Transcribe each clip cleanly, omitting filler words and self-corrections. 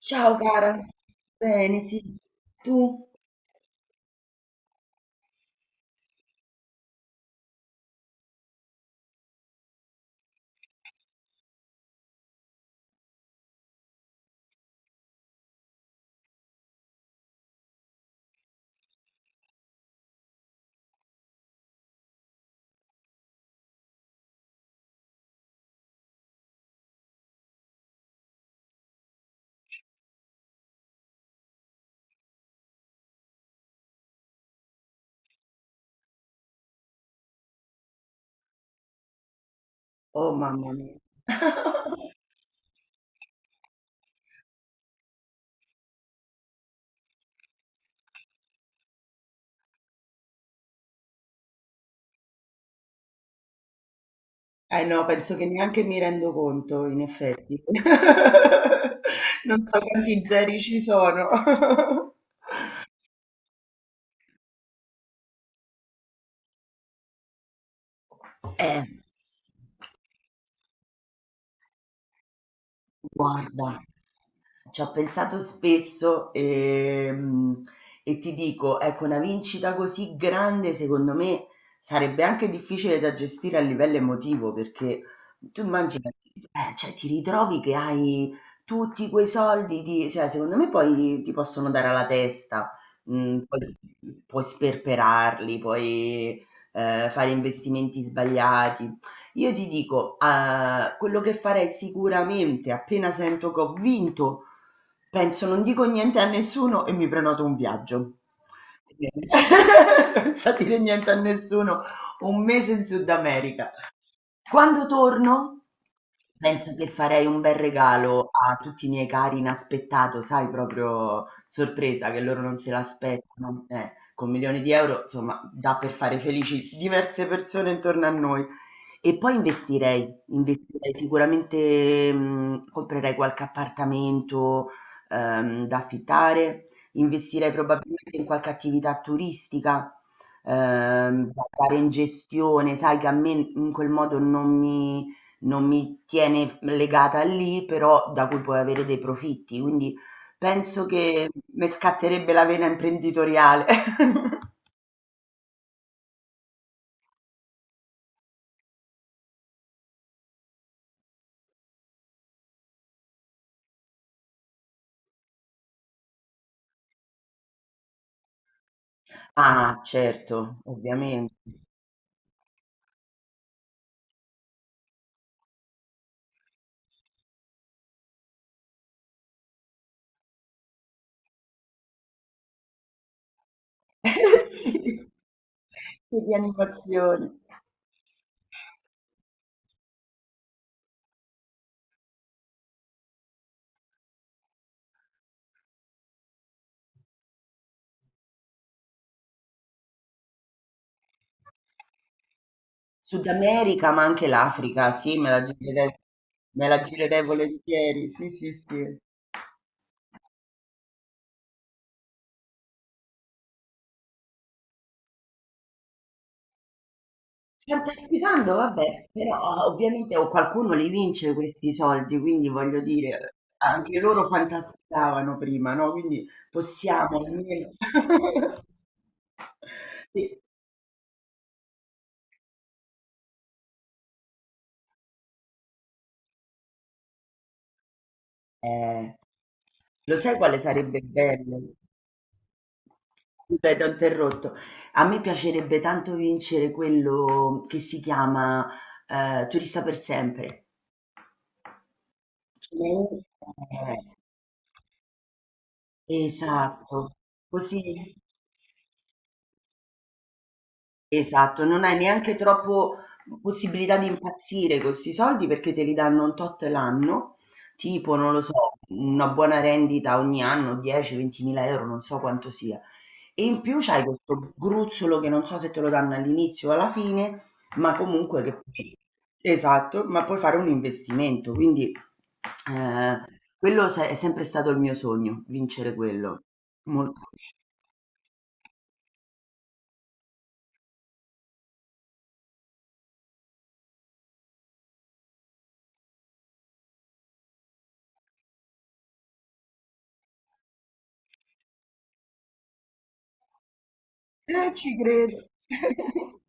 Ciao cara, bene, sì. Tu? Oh mamma mia. Eh no, penso che neanche mi rendo conto, in effetti. Non so quanti zeri ci sono. Eh, guarda. Ci ho pensato spesso, e ti dico, ecco, una vincita così grande, secondo me, sarebbe anche difficile da gestire a livello emotivo, perché tu immagina, cioè, ti ritrovi che hai tutti quei soldi, cioè, secondo me poi ti possono dare alla testa, poi puoi sperperarli, puoi fare investimenti sbagliati, io ti dico, quello che farei sicuramente appena sento che ho vinto, penso non dico niente a nessuno e mi prenoto un viaggio. Senza dire niente a nessuno, un mese in Sud America. Quando torno? Penso che farei un bel regalo a tutti i miei cari inaspettato, sai, proprio sorpresa, che loro non se l'aspettano. Con milioni di euro, insomma, dà per fare felici diverse persone intorno a noi. E poi investirei sicuramente, comprerei qualche appartamento, da affittare, investirei probabilmente in qualche attività turistica da dare in gestione, sai che a me in quel modo non mi tiene legata lì, però da cui puoi avere dei profitti. Quindi penso che mi scatterebbe la vena imprenditoriale. Ah, certo, ovviamente. Sì, sì, di animazione. Sud America, ma anche l'Africa, sì, me la girerei volentieri, sì, sì, sì. Fantasticando, vabbè, però ovviamente o qualcuno li vince questi soldi, quindi voglio dire, anche loro fantasticavano prima, no? Quindi possiamo almeno sì. Eh, lo sai quale sarebbe bello? Scusa, ti ho interrotto. A me piacerebbe tanto vincere quello che si chiama Turista per sempre. Cioè, eh, esatto, così. Esatto, non hai neanche troppo possibilità di impazzire con 'sti soldi perché te li danno un tot l'anno, tipo non lo so, una buona rendita ogni anno, 10, 20.000 €, non so quanto sia. E in più c'hai questo gruzzolo che non so se te lo danno all'inizio o alla fine, ma comunque che puoi, esatto, ma puoi fare un investimento, quindi, ehm, quello se è sempre stato il mio sogno, vincere quello. Molto. Ci credo.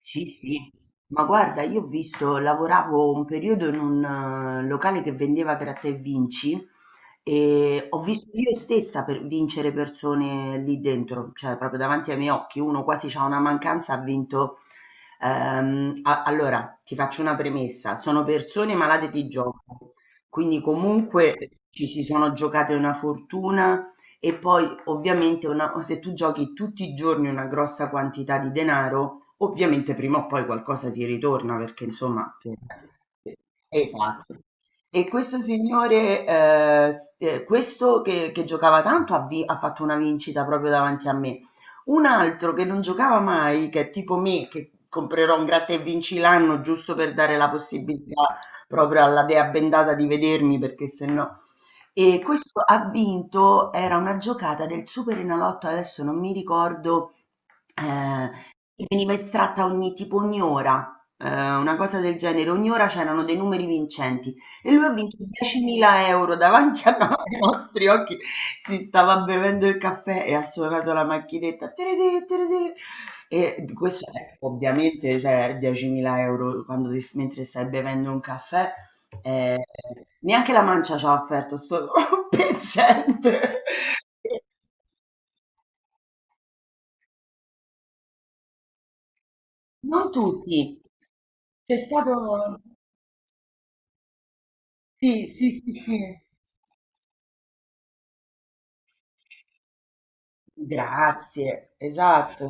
Sì, sì, ma guarda, io ho visto, lavoravo un periodo in un locale che vendeva gratta e vinci e ho visto io stessa per vincere persone lì dentro, cioè proprio davanti ai miei occhi, uno quasi c'ha una mancanza, ha vinto. Allora, ti faccio una premessa, sono persone malate di gioco, quindi comunque ci si sono giocate una fortuna e poi ovviamente se tu giochi tutti i giorni una grossa quantità di denaro, ovviamente prima o poi qualcosa ti ritorna perché insomma. Sì. Esatto. E questo signore, questo che giocava tanto ha fatto una vincita proprio davanti a me. Un altro che non giocava mai, che è tipo me, che comprerò un gratta e vinci l'anno giusto per dare la possibilità proprio alla dea bendata di vedermi, perché se no. E questo ha vinto era una giocata del Superenalotto, adesso non mi ricordo, ehm, che veniva estratta ogni tipo ogni ora, una cosa del genere, ogni ora c'erano dei numeri vincenti e lui ha vinto 10.000 € davanti a, no, ai nostri occhi, si stava bevendo il caffè e ha suonato la macchinetta "tiriti tiriti" e d questo, ovviamente cioè 10.000 € quando ti s mentre stai bevendo un caffè. Ehm, Neanche la mancia c'ha offerto sto pezzente. Non tutti. C'è stato sì, sì, sì, sì. Grazie, esatto.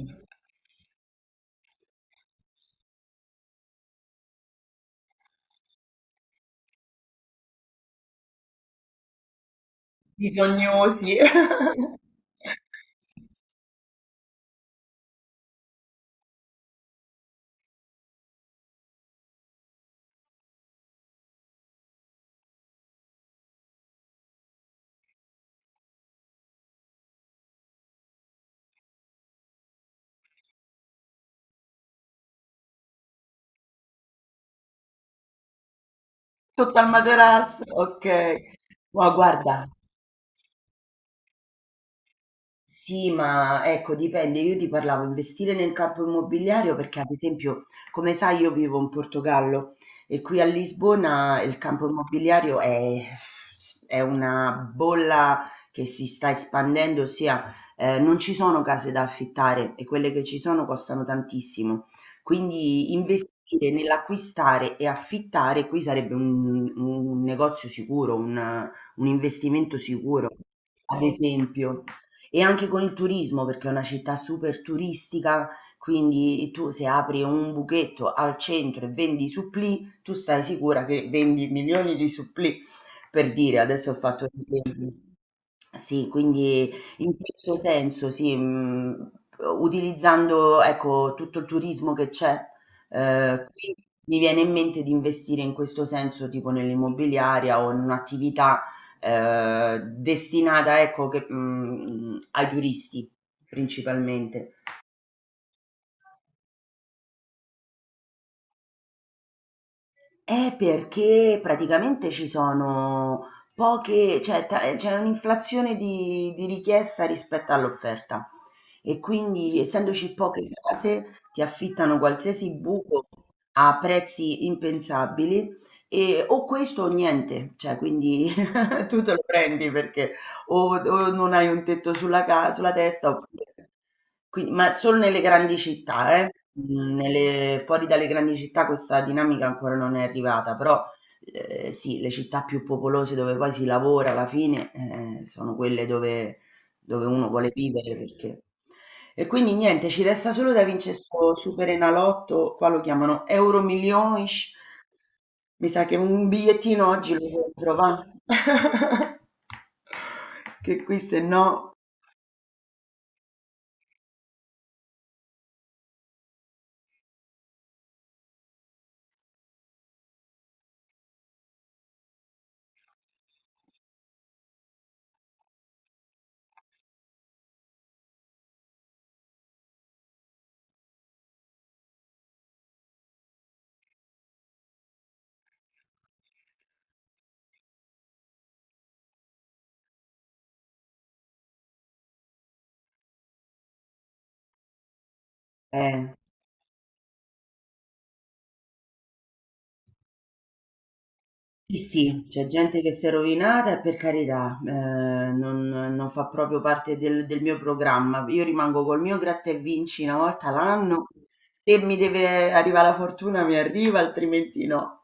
Bisognosi. Sotto al materasso, okay. No, guarda. Sì, ma ecco dipende, io ti parlavo investire nel campo immobiliare perché ad esempio, come sai, io vivo in Portogallo e qui a Lisbona il campo immobiliare è una bolla che si sta espandendo, ossia non ci sono case da affittare e quelle che ci sono costano tantissimo. Quindi investire nell'acquistare e affittare qui sarebbe un negozio sicuro, un investimento sicuro, ad esempio. E anche con il turismo, perché è una città super turistica, quindi tu se apri un buchetto al centro e vendi supplì, tu stai sicura che vendi milioni di supplì, per dire, adesso ho fatto l'esempio. Sì, quindi in questo senso, sì, utilizzando ecco, tutto il turismo che c'è, qui mi viene in mente di investire in questo senso, tipo nell'immobiliaria o in un'attività destinata, ecco, che, ai turisti principalmente. È perché praticamente ci sono poche, cioè, c'è un'inflazione di richiesta rispetto all'offerta e quindi essendoci poche case ti affittano qualsiasi buco a prezzi impensabili e o questo o niente, cioè quindi tu te lo prendi perché o non hai un tetto sulla testa oppure. Qui ma solo nelle grandi città, eh. Mhmm, nelle fuori dalle grandi città questa dinamica ancora non è arrivata, però, sì, le città più popolose dove poi si lavora alla fine, sono quelle dove uno vuole vivere, perché. E quindi niente, ci resta solo da vince 'sto Superenalotto, qua lo chiamano Euromillions. Mi sa che un bigliettino oggi lo compro, va. Che qui se no eh. Sì, sì, c'è gente che si è rovinata e per carità, non fa proprio parte del mio programma. Io rimango col mio gratta e vinci una volta l'anno. Se mi deve arrivare la fortuna mi arriva, altrimenti no.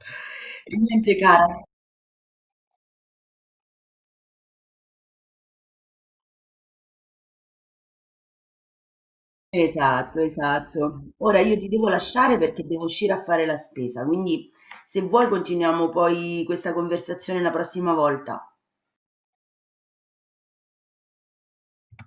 E niente, cara. Esatto, esatto. Ora io ti devo lasciare perché devo uscire a fare la spesa, quindi se vuoi continuiamo poi questa conversazione la prossima volta.